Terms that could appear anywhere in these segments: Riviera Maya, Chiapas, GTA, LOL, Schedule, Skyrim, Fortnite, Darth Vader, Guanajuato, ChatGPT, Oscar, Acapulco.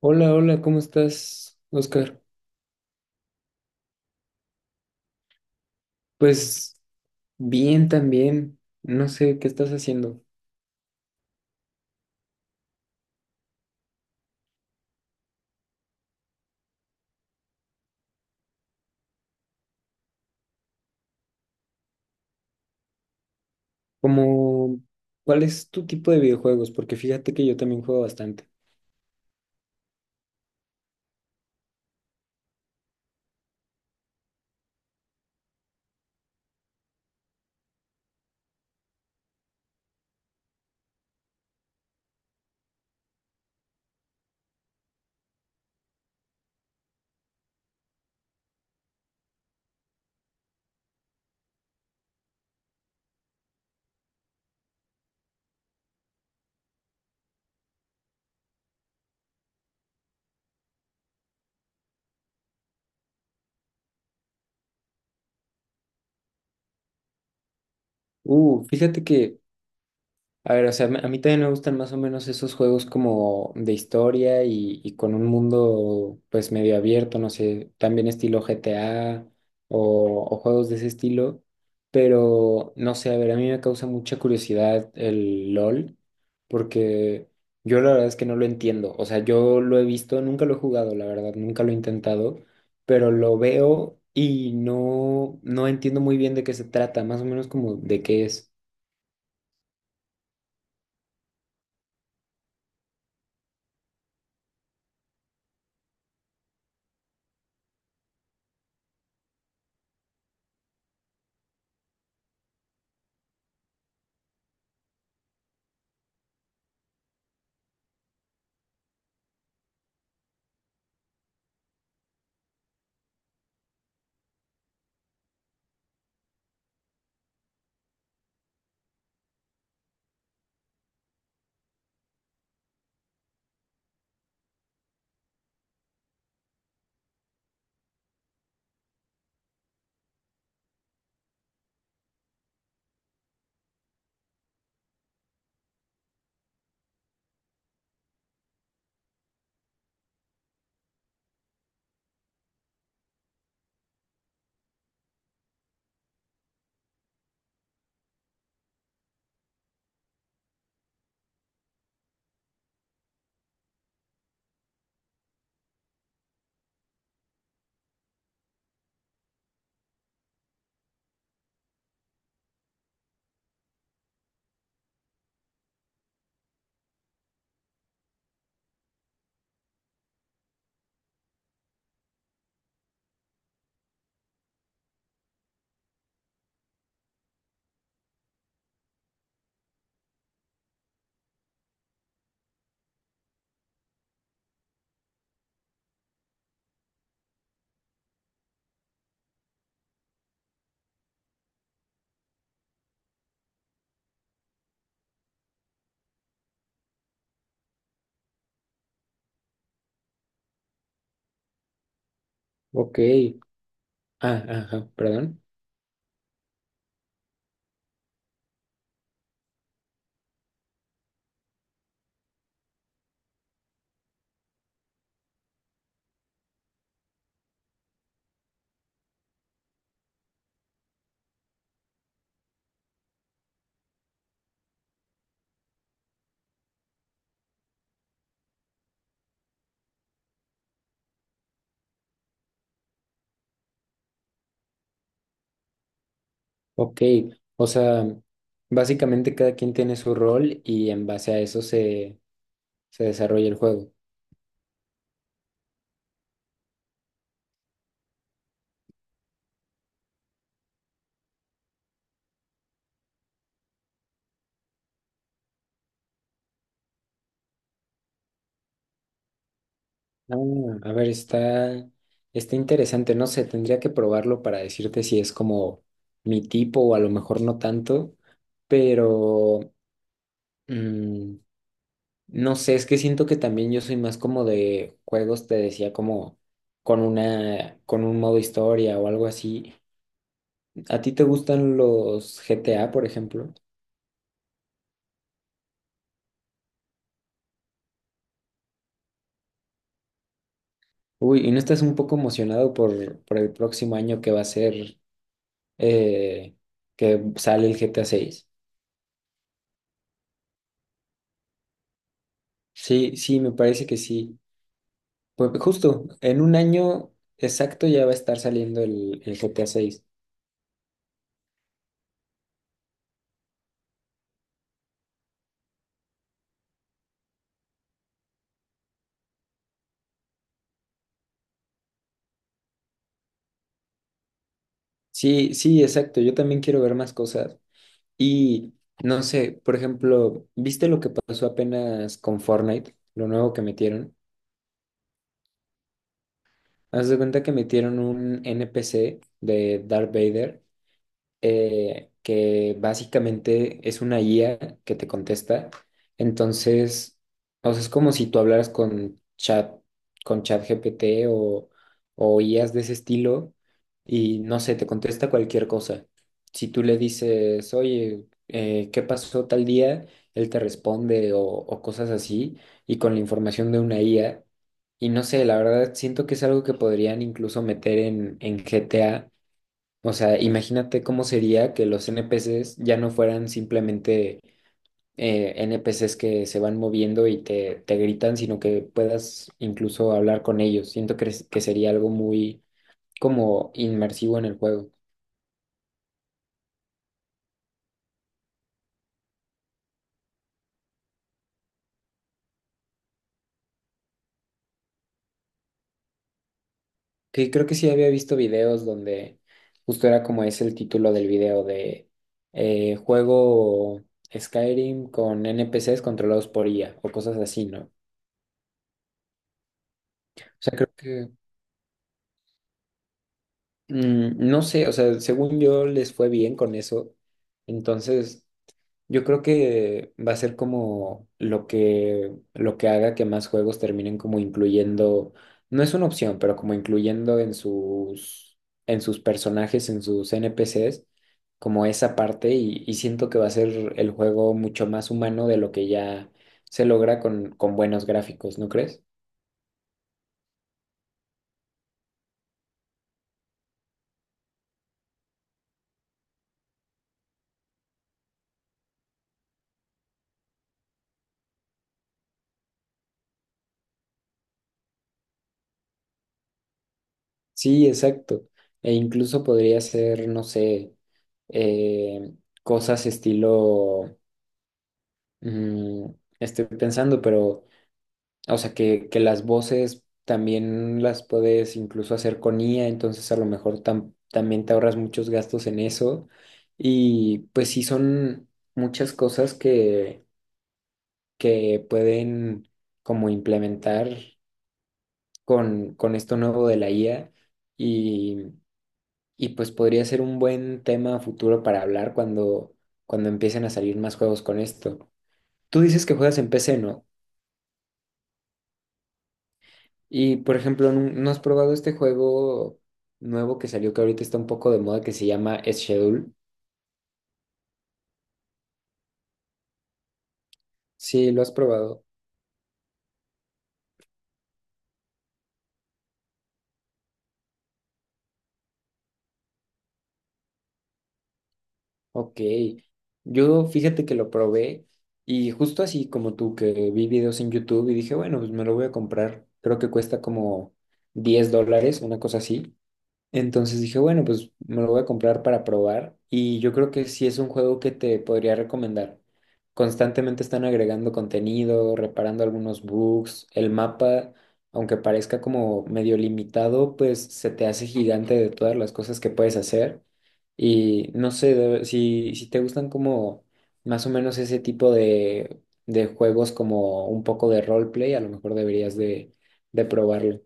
Hola, hola, ¿cómo estás, Oscar? Pues bien también. No sé qué estás haciendo. Como, ¿Cuál es tu tipo de videojuegos? Porque fíjate que yo también juego bastante. Fíjate que a ver, o sea, a mí también me gustan más o menos esos juegos como de historia y con un mundo pues medio abierto, no sé, también estilo GTA o juegos de ese estilo, pero no sé, a ver, a mí me causa mucha curiosidad el LOL porque yo la verdad es que no lo entiendo, o sea, yo lo he visto, nunca lo he jugado, la verdad, nunca lo he intentado, pero lo veo y no entiendo muy bien de qué se trata, más o menos como de qué es. Ok. Ah, ajá, perdón. Ok, o sea, básicamente cada quien tiene su rol y en base a eso se desarrolla el juego. Ah, a ver, está interesante, no sé, tendría que probarlo para decirte si es como mi tipo o a lo mejor no tanto, pero mm, no sé, es que siento que también yo soy más como de juegos, te decía, como con con un modo historia o algo así. ¿A ti te gustan los GTA, por ejemplo? Uy, ¿y no estás un poco emocionado por el próximo año que va a ser eh, que sale el GTA 6? Sí, sí, me parece que sí. Pues justo, en un año exacto ya va a estar saliendo el GTA 6. Sí, sí, exacto. Yo también quiero ver más cosas. Y no sé, por ejemplo, ¿viste lo que pasó apenas con Fortnite? Lo nuevo que metieron. Haz de cuenta que metieron un NPC de Darth Vader que básicamente es una guía que te contesta. Entonces, o sea, es como si tú hablaras con chat, con ChatGPT o IAs de ese estilo y no sé, te contesta cualquier cosa. Si tú le dices, oye, ¿qué pasó tal día? Él te responde o cosas así y con la información de una IA. Y no sé, la verdad siento que es algo que podrían incluso meter en GTA, o sea, imagínate cómo sería que los NPCs ya no fueran simplemente NPCs que se van moviendo y te gritan, sino que puedas incluso hablar con ellos. Siento que sería algo muy como inmersivo en el juego. Que creo que sí había visto videos donde justo era como es el título del video de juego Skyrim con NPCs controlados por IA o cosas así, ¿no? O sea, creo que no sé, o sea, según yo les fue bien con eso. Entonces, yo creo que va a ser como lo que haga que más juegos terminen como incluyendo, no es una opción, pero como incluyendo en en sus personajes, en sus NPCs, como esa parte y siento que va a ser el juego mucho más humano de lo que ya se logra con buenos gráficos, ¿no crees? Sí, exacto. E incluso podría ser, no sé, eh, cosas estilo, mm, estoy pensando, pero, o sea, que las voces también las puedes incluso hacer con IA, entonces a lo mejor también te ahorras muchos gastos en eso. Y pues sí, son muchas cosas que pueden como implementar con esto nuevo de la IA. Y pues podría ser un buen tema futuro para hablar cuando, cuando empiecen a salir más juegos con esto. Tú dices que juegas en PC, ¿no? Y por ejemplo, no has probado este juego nuevo que salió que ahorita está un poco de moda que se llama Schedule? Sí, lo has probado. Ok. Yo fíjate que lo probé y justo así como tú que vi videos en YouTube y dije, bueno, pues me lo voy a comprar. Creo que cuesta como $10, una cosa así. Entonces dije, bueno, pues me lo voy a comprar para probar y yo creo que sí es un juego que te podría recomendar. Constantemente están agregando contenido, reparando algunos bugs, el mapa, aunque parezca como medio limitado, pues se te hace gigante de todas las cosas que puedes hacer. Y no sé, de- si te gustan como más o menos ese tipo de juegos como un poco de roleplay, a lo mejor deberías de probarlo.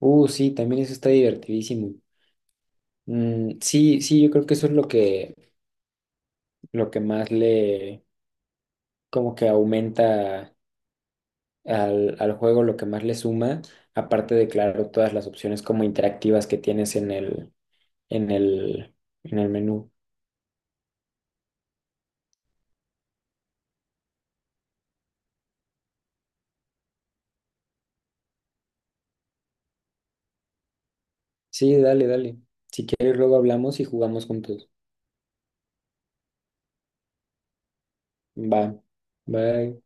Sí, también eso está divertidísimo. Mm, sí, sí, yo creo que eso es lo lo que más le, como que aumenta al juego, lo que más le suma, aparte de, claro, todas las opciones como interactivas que tienes en el, en el menú. Sí, dale, dale. Si quieres, luego hablamos y jugamos juntos. Va, bye.